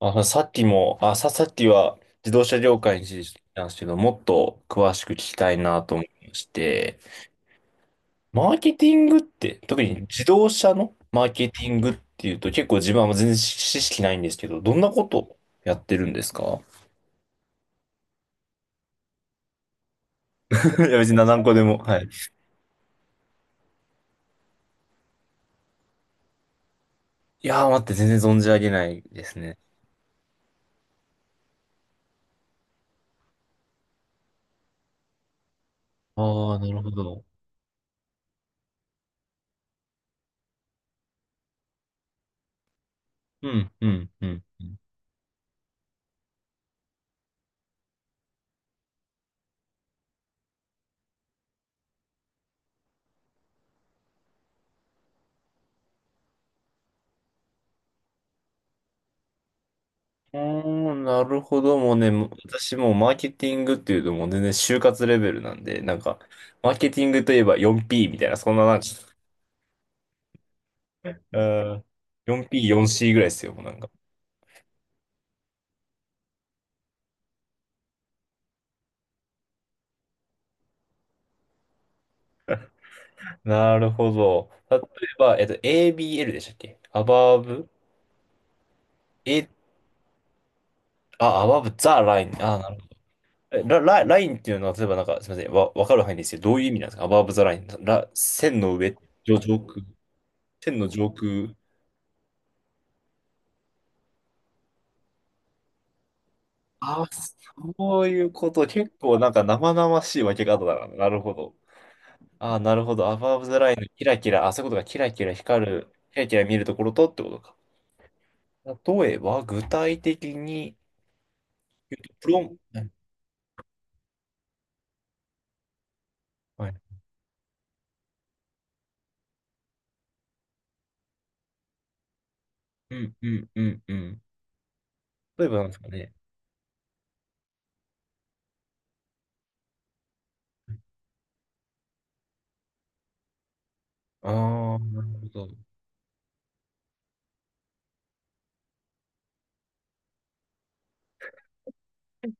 さっきは自動車業界についてなんですけど、もっと詳しく聞きたいなと思いまして、マーケティングって、特に自動車のマーケティングっていうと、結構自分は全然知識ないんですけど、どんなことやってるんですか？ いや、別に何個でも。はい。いやー、待って、全然存じ上げないですね。ああ、なるほど。うん、うん、うん。おー、なるほど。もうね、もう私もうマーケティングっていうともう全然就活レベルなんで、なんか、マーケティングといえば 4P みたいな、そんななんか、うん、4P、4C ぐらいですよ、もうなんか。なるほど。例えば、ABL でしたっけ？ Above？ え、あ、Above the line。あ、なるほど。ラインっていうのは、例えばなんか、すみません、わかる範囲ですけど、どういう意味なんですか？ Above the line。線の上、上、上空、線の上空。ああ、そういうこと。結構なんか生々しい分け方だな。なるほど。ああ、なるほど。アバブ・ザ・ラインのキラキラ、そういうことがキラキラ光る、キラキラ見えるところとってことか。例えば、具体的に言うと、プロン、はい。はい、うん、うん、うん、うん。例えばなんですかね。ああ、なるほど。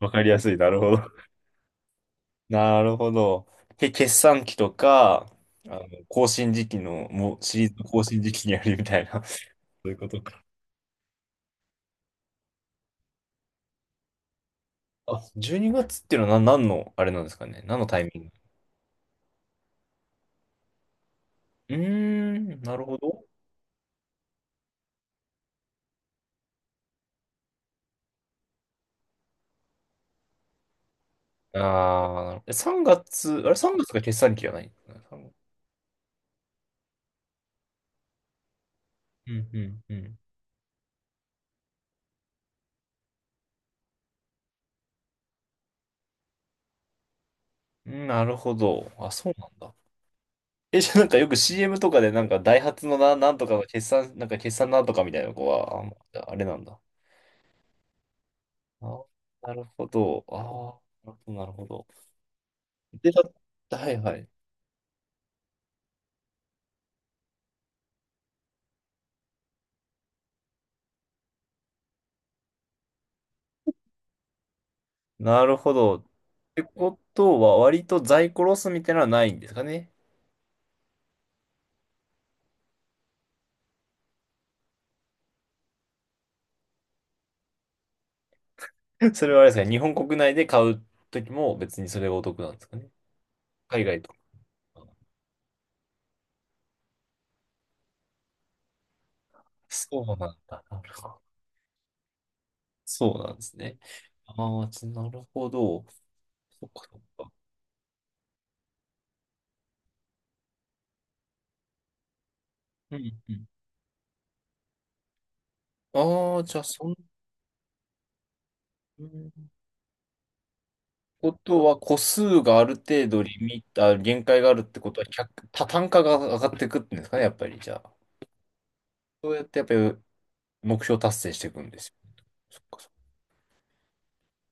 わかりやすい。なるほど。なるほど。決算期とか、更新時期の、もうシリーズの更新時期にやるみたいな。そういうことか。あ、12月っていうのは何、の、あれなんですかね。何のタイミング？うーん、なるほど。ああ、なるほど。3月、あれ、3月がつが決算期じゃない？さんがつ、うん、うん、うん。うん、なるほど。あ、そうなんだ。え、じゃあなんかよく CM とかでなんかダイハツのなんとかの決算、なんか決算なんとかみたいな子は、あ、あれなんだ。あ、なるほど。ああ、なるほど。で、だ、はいはい。なるほど。ってことは、割と在庫ロスみたいなのはないんですかね。それはあれですね、日本国内で買うときも別にそれがお得なんですかね。海外とか。そうなんだ。なるほど。そうなんですね。ああ、なるほど。そっかそっか。うんうん。ああ、じゃあ、そんうんことは、個数がある程度リミッター、限界があるってことは、単価が上がっていくっていうんですかね、やっぱり。じゃあ、そうやってやっぱり目標達成していくんですよね。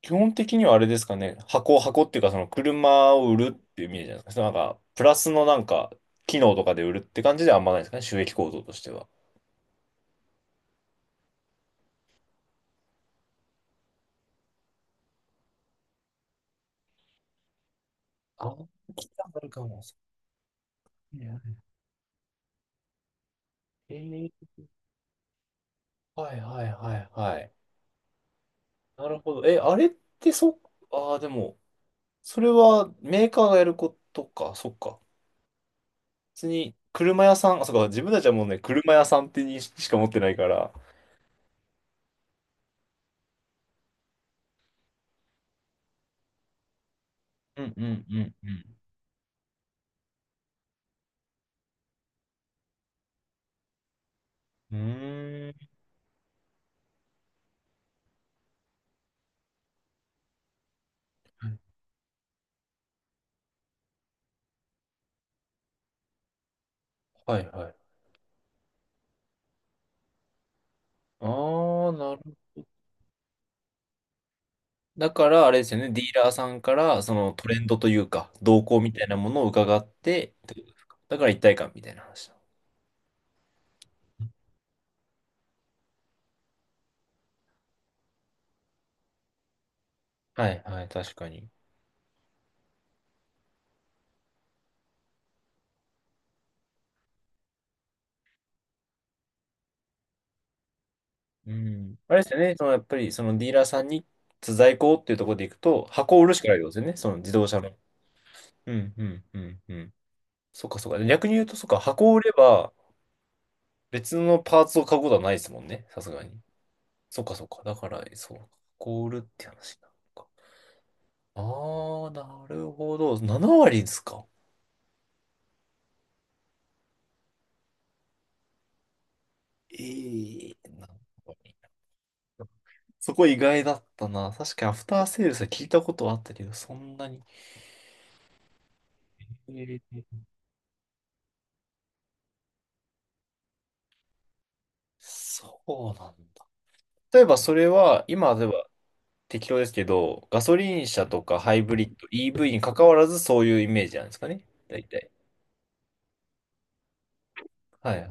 基本的にはあれですかね、箱っていうか、その車を売るっていう意味じゃないですか。そのなんか、プラスのなんか、機能とかで売るって感じではあんまないですかね、収益構造としては。あ、機能あるかもしれない。えー、はいはいはいはい。なるほど。え、あれってそ、ああ、でも、それはメーカーがやることか、そっか。別に、車屋さん、あ、そっか、自分たちはもうね、車屋さんってにしか持ってないから。うんうんうんうん。うーん。はいはい。ああ、だから、あれですよね、ディーラーさんから、そのトレンドというか、動向みたいなものを伺って、ってことですか？だから一体感みたいな話だ。はいはい、確かに。うん。あれですよね、そのやっぱり、そのディーラーさんに在庫っていうところでいくと、箱を売るしかないってことですよね、その自動車の。うんうんうんうん。そっかそっか。逆に言うと、そっか、箱を売れば、別のパーツを買うことはないですもんね、さすがに。そっかそっか。だから、そう、箱を売るって話なのか。ああ、なるほど。7割ですか。ええ、なるほどね。そこ意外だったな。確かにアフターセールスは聞いたことはあったけど、そんなに。ええ、そうなんだ。例えばそれは、今では適当ですけど、ガソリン車とかハイブリッド、EV に関わらずそういうイメージなんですかね。大体。はい。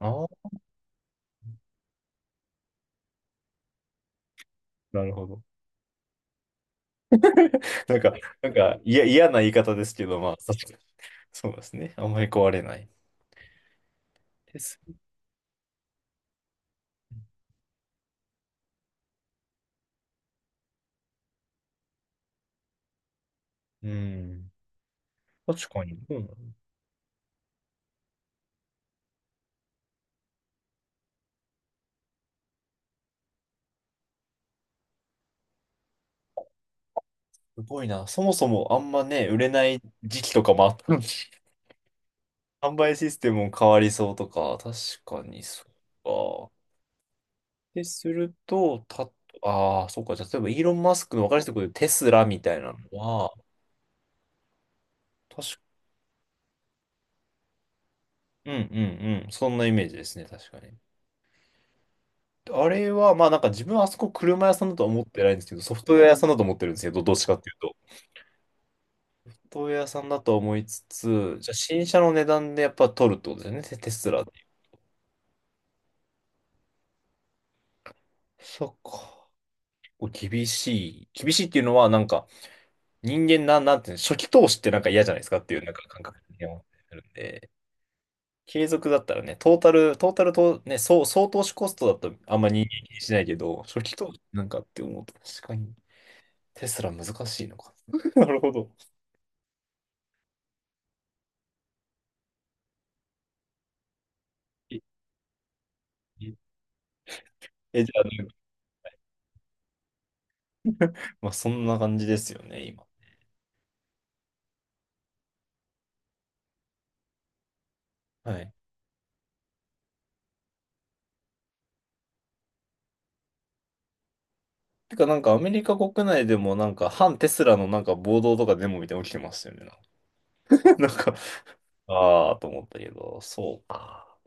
ああ、なるほど。なんか、いや、嫌な言い方ですけど、まあ、確かに。そうですね。あんまり壊れないです。うん。確かに。うん、すごいな。そもそもあんまね、売れない時期とかもあったのに、販売システムも変わりそうとか、確かにそうか。ですると、た、ああ、そうか。じゃあ例えばイーロン・マスクの分かりやすいところでテスラみたいなのは、確か、うんうんうん。そんなイメージですね、確かに。あれは、まあなんか自分はあそこ車屋さんだとは思ってないんですけど、ソフトウェア屋さんだと思ってるんですけど、どっちかっていうと。ソフトウェア屋さんだと思いつつ、じゃあ新車の値段でやっぱ取るってことですよね、テスラって。そっか。こう厳しい。厳しいっていうのは、なんか、人間な、なんていうの、初期投資ってなんか嫌じゃないですかっていう、なんか感覚に思ってるんで、継続だったらね、トータルと、ね、総投資コストだとあんま人間気にしないけど、初期投資なんかって思うと、確かに、テスラ難しいのか。なるほど。え、ええ、じゃあ、まあ、そんな感じですよね、今。はい。てか、なんか、アメリカ国内でも、なんか、反テスラのなんか暴動とかデモみたいなの起きてましたよね。なんか、なんかあーと思ったけど、そうか。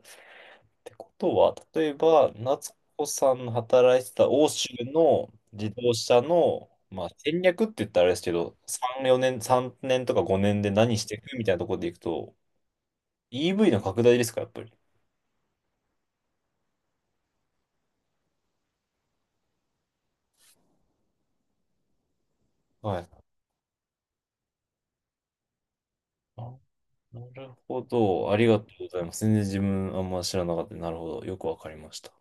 ってことは、例えば、夏子さんの働いてた欧州の自動車の、まあ、戦略って言ったらあれですけど、3、4年、3年とか5年で何していくみたいなところでいくと、EV の拡大ですか、やっぱり。はい。あなるほど。ありがとうございます。全然自分あんま知らなかった。なるほど。よくわかりました。